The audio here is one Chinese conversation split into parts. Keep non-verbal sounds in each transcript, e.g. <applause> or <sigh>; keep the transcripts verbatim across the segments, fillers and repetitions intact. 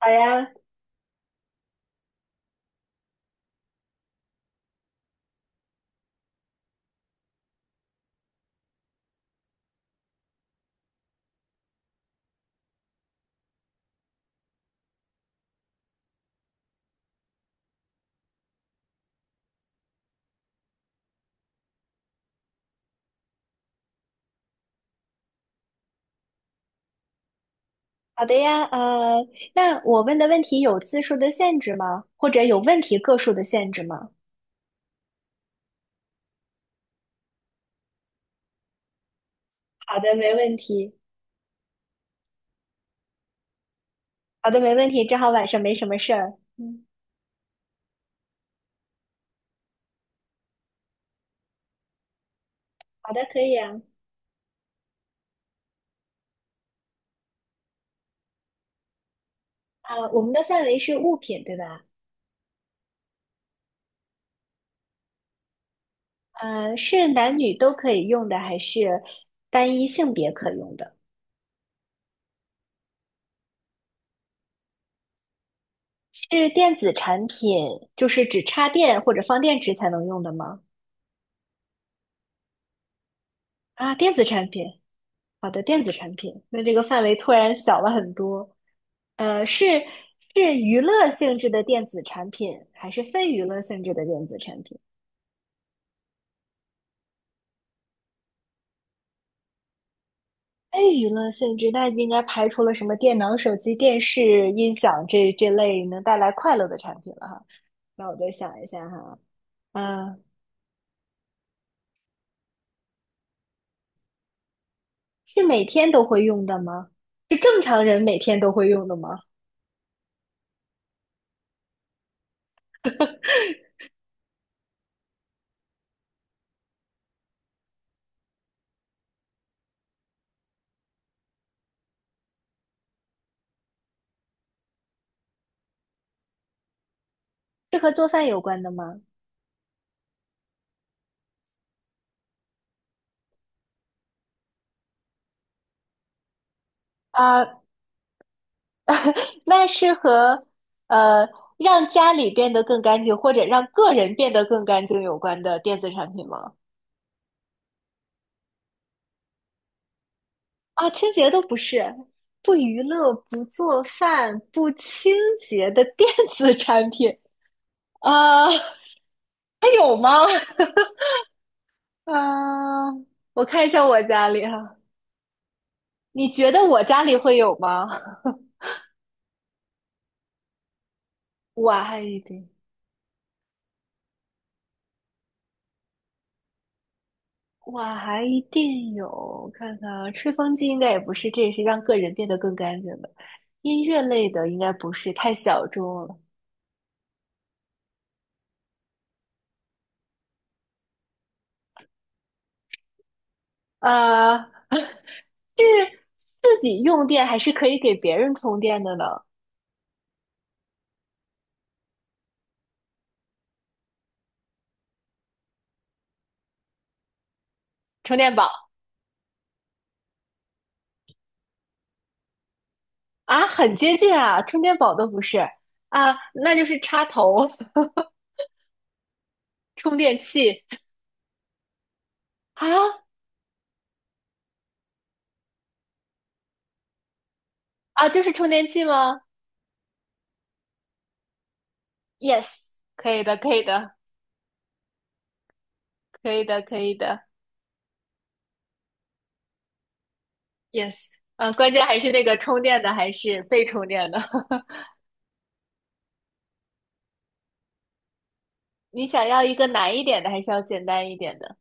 好呀，好的呀，呃，那我问的问题有字数的限制吗？或者有问题个数的限制吗？好的，没问题。好的，没问题。正好晚上没什么事儿。嗯，好的，可以啊。啊，我们的范围是物品，对吧？呃，是男女都可以用的，还是单一性别可用的？是电子产品，就是只插电或者放电池才能用的吗？啊，电子产品。好的，电子产品，那这个范围突然小了很多。呃，是是娱乐性质的电子产品，还是非娱乐性质的电子产品？非娱乐性质，那应该排除了什么电脑、手机、电视、音响这这类能带来快乐的产品了哈。那我再想一下哈，嗯、是每天都会用的吗？是正常人每天都会用的吗？是和做饭有关的吗？啊、那是和呃让家里变得更干净，或者让个人变得更干净有关的电子产品吗？啊，清洁都不是，不娱乐、不做饭、不清洁的电子产品啊，还有吗？<laughs> 啊，我看一下我家里哈，你觉得我家里会有吗？<laughs> 晚一点。哇，还一定有，我看看啊，吹风机应该也不是，这也是让个人变得更干净的。音乐类的应该不是，太小众了。啊。<laughs> 是自己用电还是可以给别人充电的呢？充电宝啊，很接近啊，充电宝都不是啊，那就是插头、<laughs> 充电器啊啊，就是充电器吗？Yes，可以的，可以的，可以的，可以的。Yes，嗯，关键还是那个充电的还是被充电的。<laughs> 你想要一个难一点的，还是要简单一点的？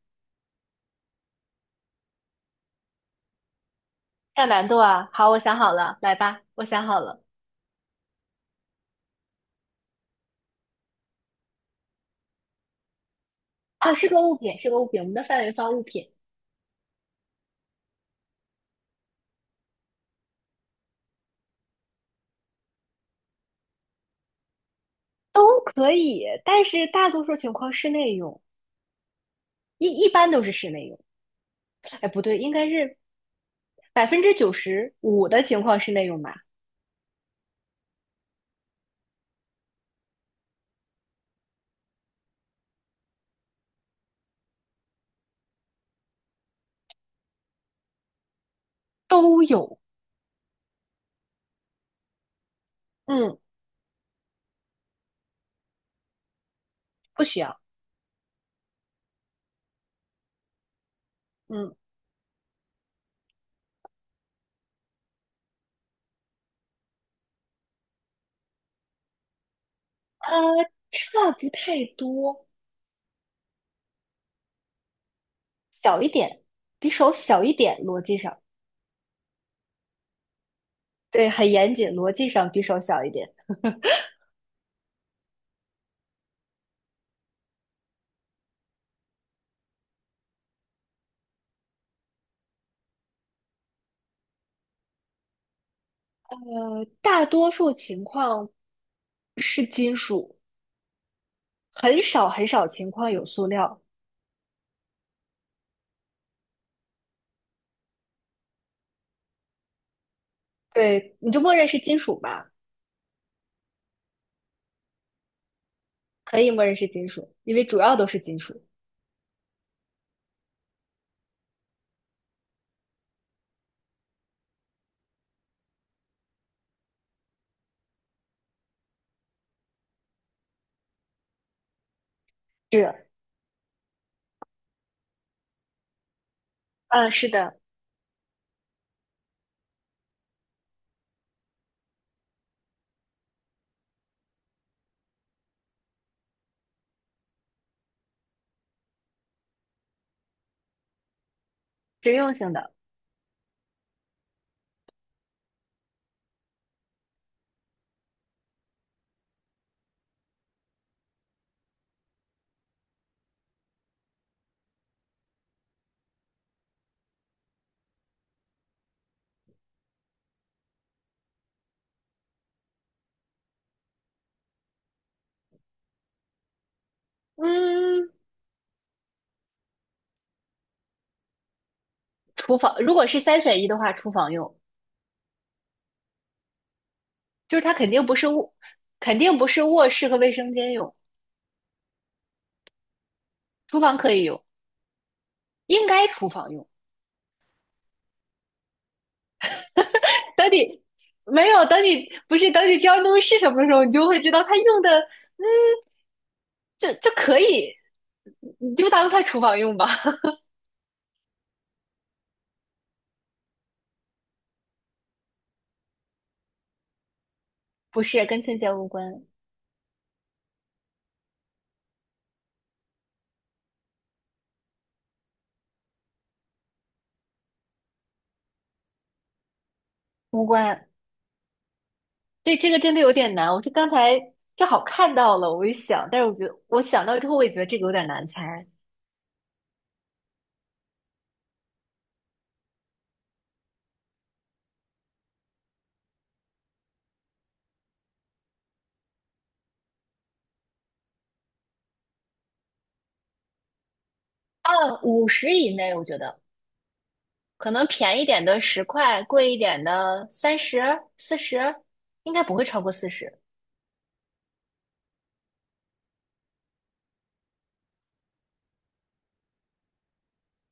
上难度啊！好，我想好了，来吧，我想好了。啊，是个物品，是个物品，我们的范围放物品都可以，但是大多数情况室内用，一一般都是室内用。哎，不对，应该是百分之九十五的情况室内用吧？都有，嗯，不需要，嗯，呃，差不太多，小一点，比手小一点，逻辑上。对，很严谨，逻辑上匕首小一点。呃，大多数情况是金属，很少很少情况有塑料。对，你就默认是金属吧，可以默认是金属，因为主要都是金属。是，嗯，是的，实用性的。嗯，厨房，如果是三选一的话，厨房用，就是它肯定不是卧，肯定不是卧室和卫生间用，厨房可以用，应该厨房用。等你没有，等你不是等你知道东西是什么时候，你就会知道它用的，嗯，就就可以，你就当它厨房用吧。<laughs> 不是跟清洁无关，无关。对，这个真的有点难。我是刚才正好看到了，我一想，但是我觉得我想到之后，我也觉得这个有点难猜。啊。五十以内，我觉得可能便宜点的十块，贵一点的三十、四十，应该不会超过四十。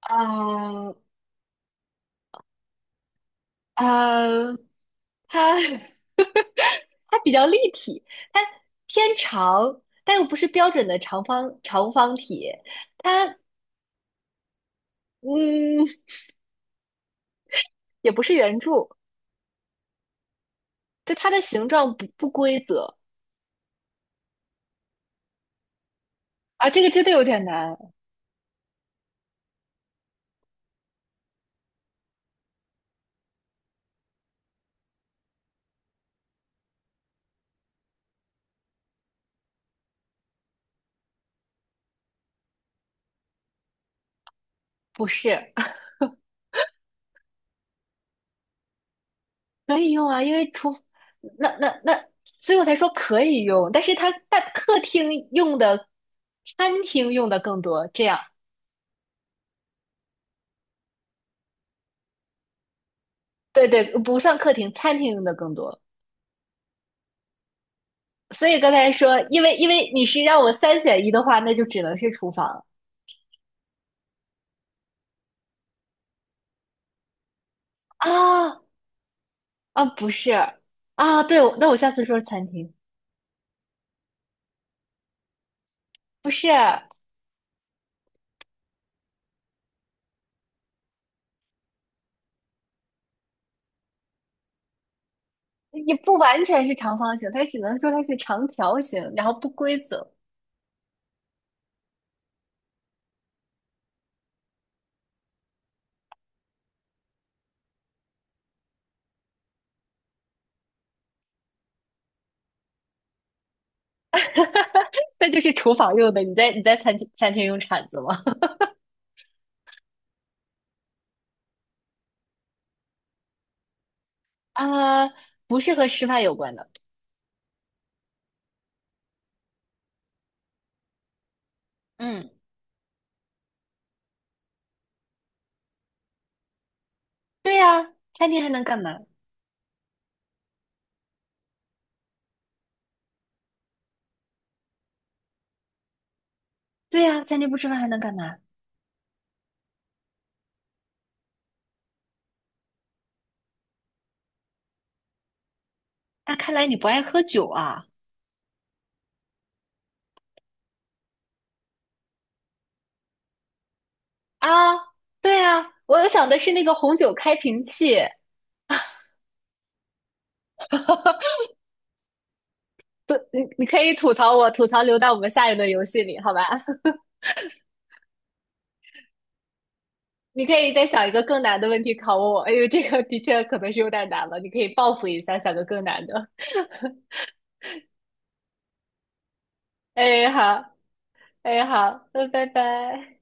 嗯，呃，它 <laughs> 它比较立体，它偏长，但又不是标准的长方长方体，它嗯也不是圆柱，就它的形状不不规则啊，这个真的有点难，不是可以用啊，因为厨那那那，所以我才说可以用，但是它但客厅用的、餐厅用的更多，这样对对，不算客厅，餐厅用的更多。所以刚才说，因为因为你是让我三选一的话，那就只能是厨房啊。啊，不是啊，对，那我下次说餐厅，不是，也不完全是长方形，它只能说它是长条形，然后不规则。<laughs> 那就是厨房用的，你在你在餐厅餐厅用铲子吗？<laughs> 啊，不是和吃饭有关的。嗯，对呀，餐厅还能干嘛？对呀，餐厅不吃饭还能干嘛？那看来你不爱喝酒啊。啊，对呀，我想的是那个红酒开瓶器。<laughs> 你可以吐槽我，吐槽留到我们下一轮游戏里，好吧？你可以再想一个更难的问题考我，哎呦，这个的确可能是有点难了，你可以报复一下，想个更难的。哎，好，哎，好，嗯，拜拜。